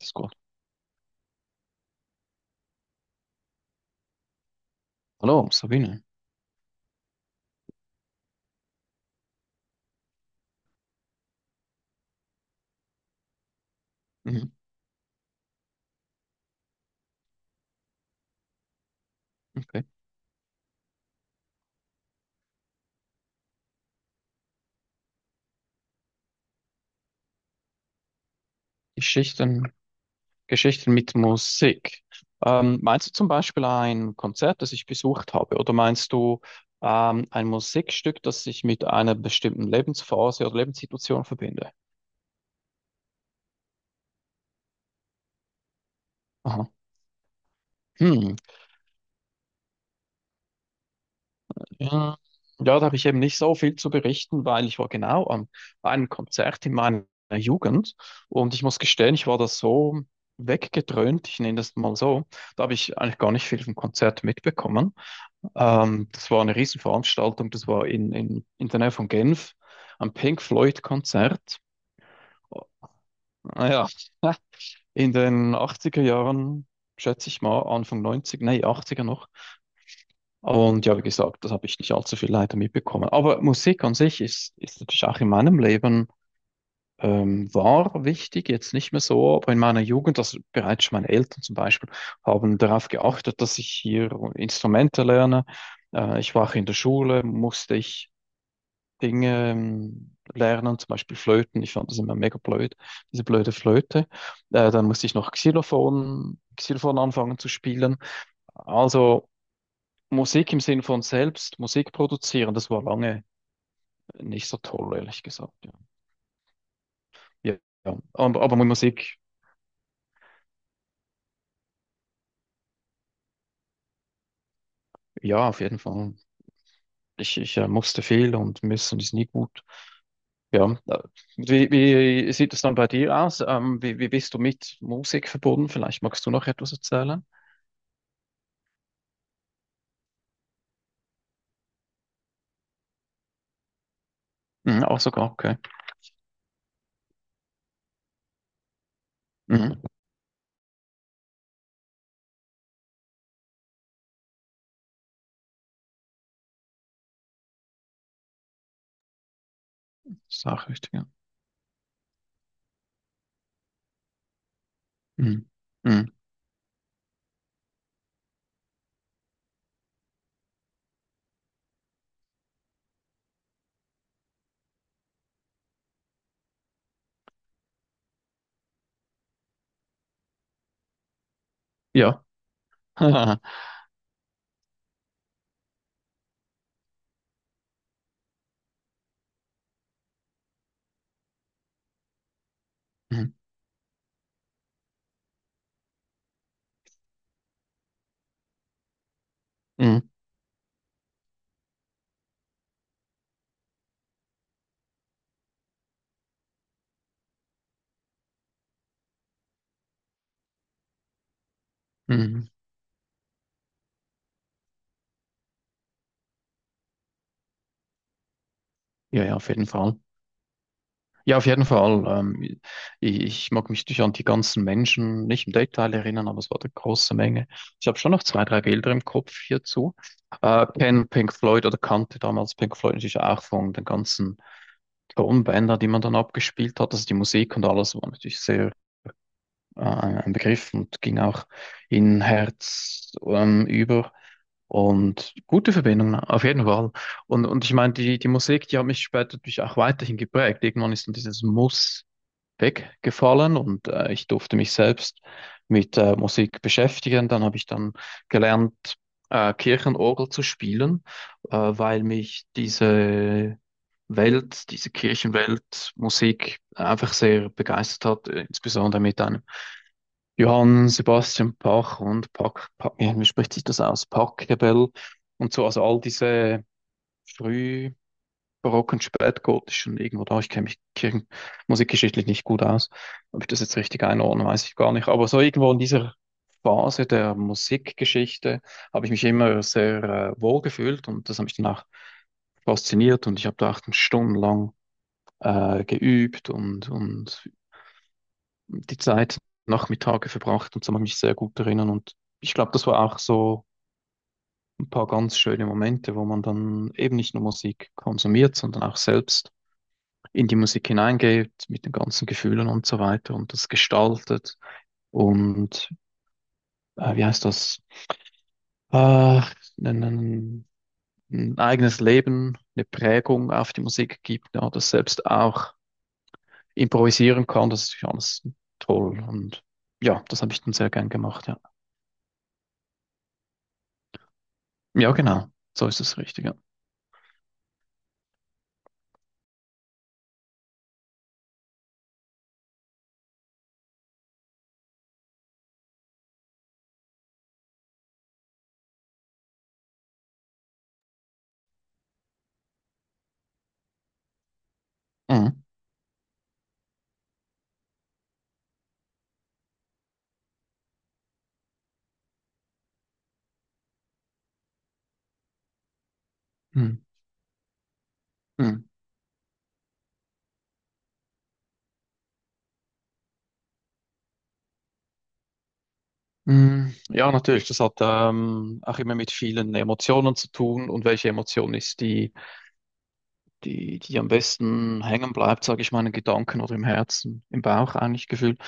Ist gut. Hallo, Sabine. Mhm, okay. Geschichten, Geschichten mit Musik. Meinst du zum Beispiel ein Konzert, das ich besucht habe? Oder meinst du ein Musikstück, das ich mit einer bestimmten Lebensphase oder Lebenssituation verbinde? Aha. Hm. Ja, ja, da habe ich eben nicht so viel zu berichten, weil ich war genau am einem Konzert in meiner Jugend und ich muss gestehen, ich war da so weggedröhnt, ich nenne das mal so, da habe ich eigentlich gar nicht viel vom Konzert mitbekommen. Das war eine Riesenveranstaltung, das war in der Nähe von Genf, ein Pink Floyd-Konzert. Naja, in den 80er Jahren, schätze ich mal, Anfang 90, nee, 80er noch. Und ja, wie gesagt, das habe ich nicht allzu viel leider mitbekommen. Aber Musik an sich ist natürlich auch in meinem Leben war wichtig, jetzt nicht mehr so, aber in meiner Jugend, also bereits schon meine Eltern zum Beispiel, haben darauf geachtet, dass ich hier Instrumente lerne. Ich war auch in der Schule, musste ich Dinge lernen, zum Beispiel Flöten. Ich fand das immer mega blöd, diese blöde Flöte. Dann musste ich noch Xylophon anfangen zu spielen. Also Musik im Sinn von selbst Musik produzieren, das war lange nicht so toll, ehrlich gesagt. Ja, ja. Ja. Aber mit Musik, ja, auf jeden Fall. Ich musste viel und müssen ist nie gut. Ja, wie, wie sieht es dann bei dir aus? Wie, wie bist du mit Musik verbunden? Vielleicht magst du noch etwas erzählen? Mhm, auch sogar, okay. Mhm. Sachrichtiger. Mhm. Mhm. Ja. Mhm. Mhm. Mhm. Ja, ja, auf jeden Fall. Ja, auf jeden Fall. Ich, ich mag mich nicht an die ganzen Menschen nicht im Detail erinnern, aber es war eine große Menge. Ich habe schon noch zwei, drei Bilder im Kopf hierzu. Kenne Pink Floyd oder kannte damals Pink Floyd natürlich auch von den ganzen Tonbänder, die man dann abgespielt hat. Also die Musik und alles war natürlich sehr ein Begriff und ging auch in Herz über. Und gute Verbindung, ne? Auf jeden Fall. Und ich meine, die Musik, die hat mich später natürlich auch weiterhin geprägt. Irgendwann ist dann dieses Muss weggefallen und ich durfte mich selbst mit Musik beschäftigen. Dann habe ich dann gelernt, Kirchenorgel zu spielen, weil mich diese Welt, diese Kirchenwelt, Musik einfach sehr begeistert hat, insbesondere mit einem Johann Sebastian Bach und Bach, Bach, ja, wie spricht sich das aus? Pachelbel und so, also all diese frühbarocken, spätgotischen, irgendwo da, ich kenne mich Kirchen, musikgeschichtlich nicht gut aus, ob ich das jetzt richtig einordne, weiß ich gar nicht, aber so irgendwo in dieser Phase der Musikgeschichte habe ich mich immer sehr wohl gefühlt und das hat mich danach fasziniert und ich habe da acht stundenlang geübt und die Zeit Nachmittage verbracht und so kann ich mich sehr gut erinnern. Und ich glaube, das war auch so ein paar ganz schöne Momente, wo man dann eben nicht nur Musik konsumiert, sondern auch selbst in die Musik hineingeht, mit den ganzen Gefühlen und so weiter und das gestaltet und wie heißt das? Äh, ein, ein, eigenes Leben, eine Prägung auf die Musik gibt, ja, das selbst auch improvisieren kann, das ist ja alles toll und ja, das habe ich dann sehr gern gemacht, ja. Ja, genau. So ist es richtig, ja. Mhm. Mhm. Mhm. Mhm. Ja, natürlich. Das hat auch immer mit vielen Emotionen zu tun. Und welche Emotion ist die, die am besten hängen bleibt, sage ich mal, in den Gedanken oder im Herzen, im Bauch eigentlich gefühlt.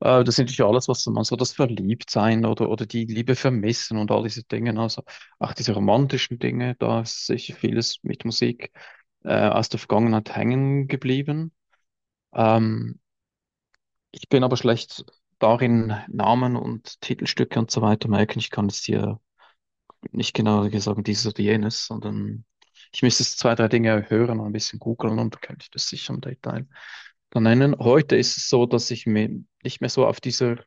Das sind natürlich alles, was man so das Verliebtsein oder die Liebe vermissen und all diese Dinge, ne? Also auch diese romantischen Dinge, da ist sicher vieles mit Musik aus der Vergangenheit hängen geblieben. Ähm, Ich bin aber schlecht darin, Namen und Titelstücke und so weiter merken. Ich kann es dir nicht genau sagen, dieses oder jenes, sondern ich müsste jetzt zwei, drei Dinge hören und ein bisschen googeln und dann könnte ich das sicher im Detail dann nennen. Heute ist es so, dass ich mir nicht mehr so auf dieser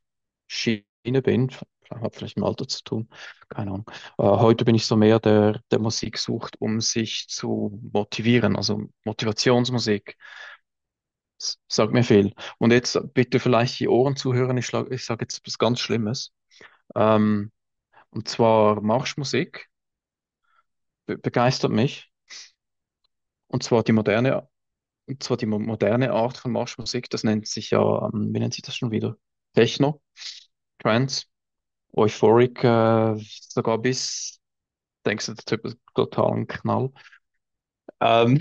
Schiene bin. Hat vielleicht mit dem Alter zu tun, keine Ahnung. Heute bin ich so mehr der, der Musik sucht, um sich zu motivieren, also Motivationsmusik. S- Sagt mir viel. Und jetzt bitte vielleicht die Ohren zuhören. Ich schlag, ich sage jetzt was ganz Schlimmes. Ähm, und zwar Marschmusik be begeistert mich. Und zwar die moderne, und zwar die moderne Art von Marschmusik. Das nennt sich ja, wie nennt sich das schon wieder? Techno, Trance, Euphoric, sogar bis, denkst du, der Typ ist total ein Knall. Ähm,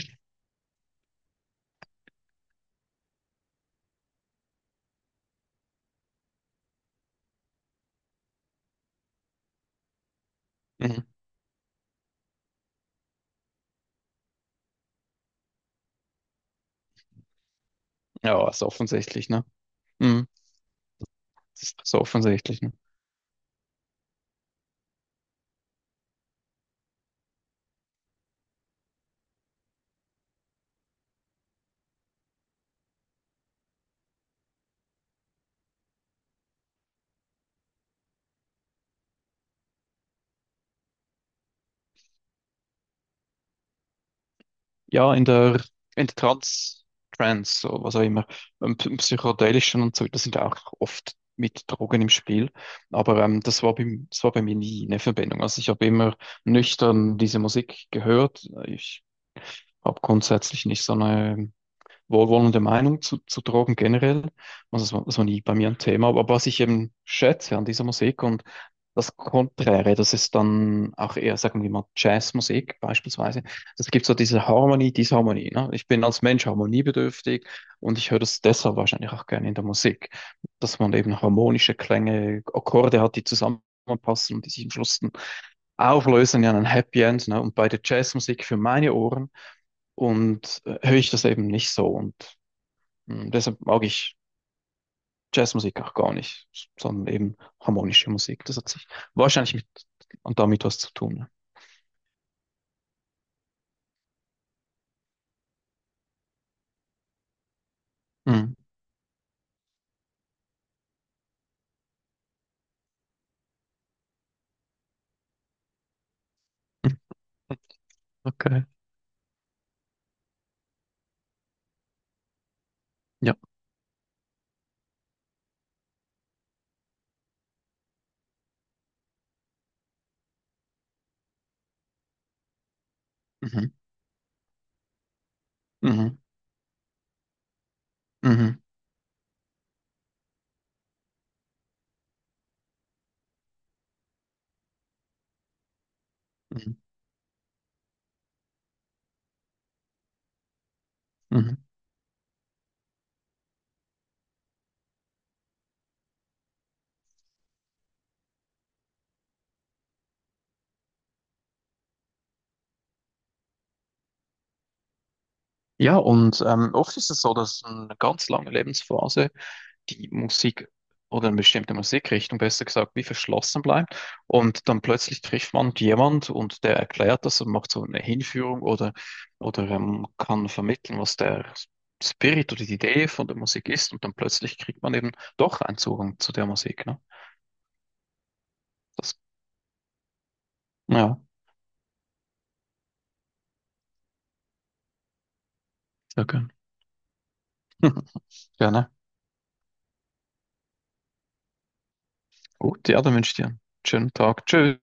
mhm. Ja, ist offensichtlich, ne? Mhm. Das ist so offensichtlich, ne? Ja, in der, in der Trans, Trans, so, was auch immer, im psychedelischen und so, das sind auch oft mit Drogen im Spiel. Aber das war bei mir nie eine Verbindung. Also ich habe immer nüchtern diese Musik gehört. Ich habe grundsätzlich nicht so eine wohlwollende Meinung zu Drogen generell. Also das war nie bei mir ein Thema. Aber was ich eben schätze an dieser Musik und das Konträre, das ist dann auch eher, sagen wir mal, Jazzmusik beispielsweise. Das gibt so diese Harmonie, Disharmonie. Ne? Ich bin als Mensch harmoniebedürftig und ich höre das deshalb wahrscheinlich auch gerne in der Musik, dass man eben harmonische Klänge, Akkorde hat, die zusammenpassen und die sich am Schluss dann auflösen in ein Happy End. Ne? Und bei der Jazzmusik für meine Ohren und höre ich das eben nicht so. Und deshalb mag ich Jazzmusik auch gar nicht, sondern eben harmonische Musik. Das hat sich wahrscheinlich mit und damit was zu tun. Ne? Mm. Okay. Ja. Mhm. Mhm. Mhm. Mhm. Mhm. Ja, und oft ist es so, dass eine ganz lange Lebensphase die Musik oder eine bestimmte Musikrichtung, besser gesagt, wie verschlossen bleibt. Und dann plötzlich trifft man jemand und der erklärt das und macht so eine Hinführung oder kann vermitteln, was der Spirit oder die Idee von der Musik ist. Und dann plötzlich kriegt man eben doch einen Zugang zu der Musik. Ne? Das, ja, sehr gern. Gerne. Gut, ja, dann wünsche ich dir einen schönen Tag. Tschüss.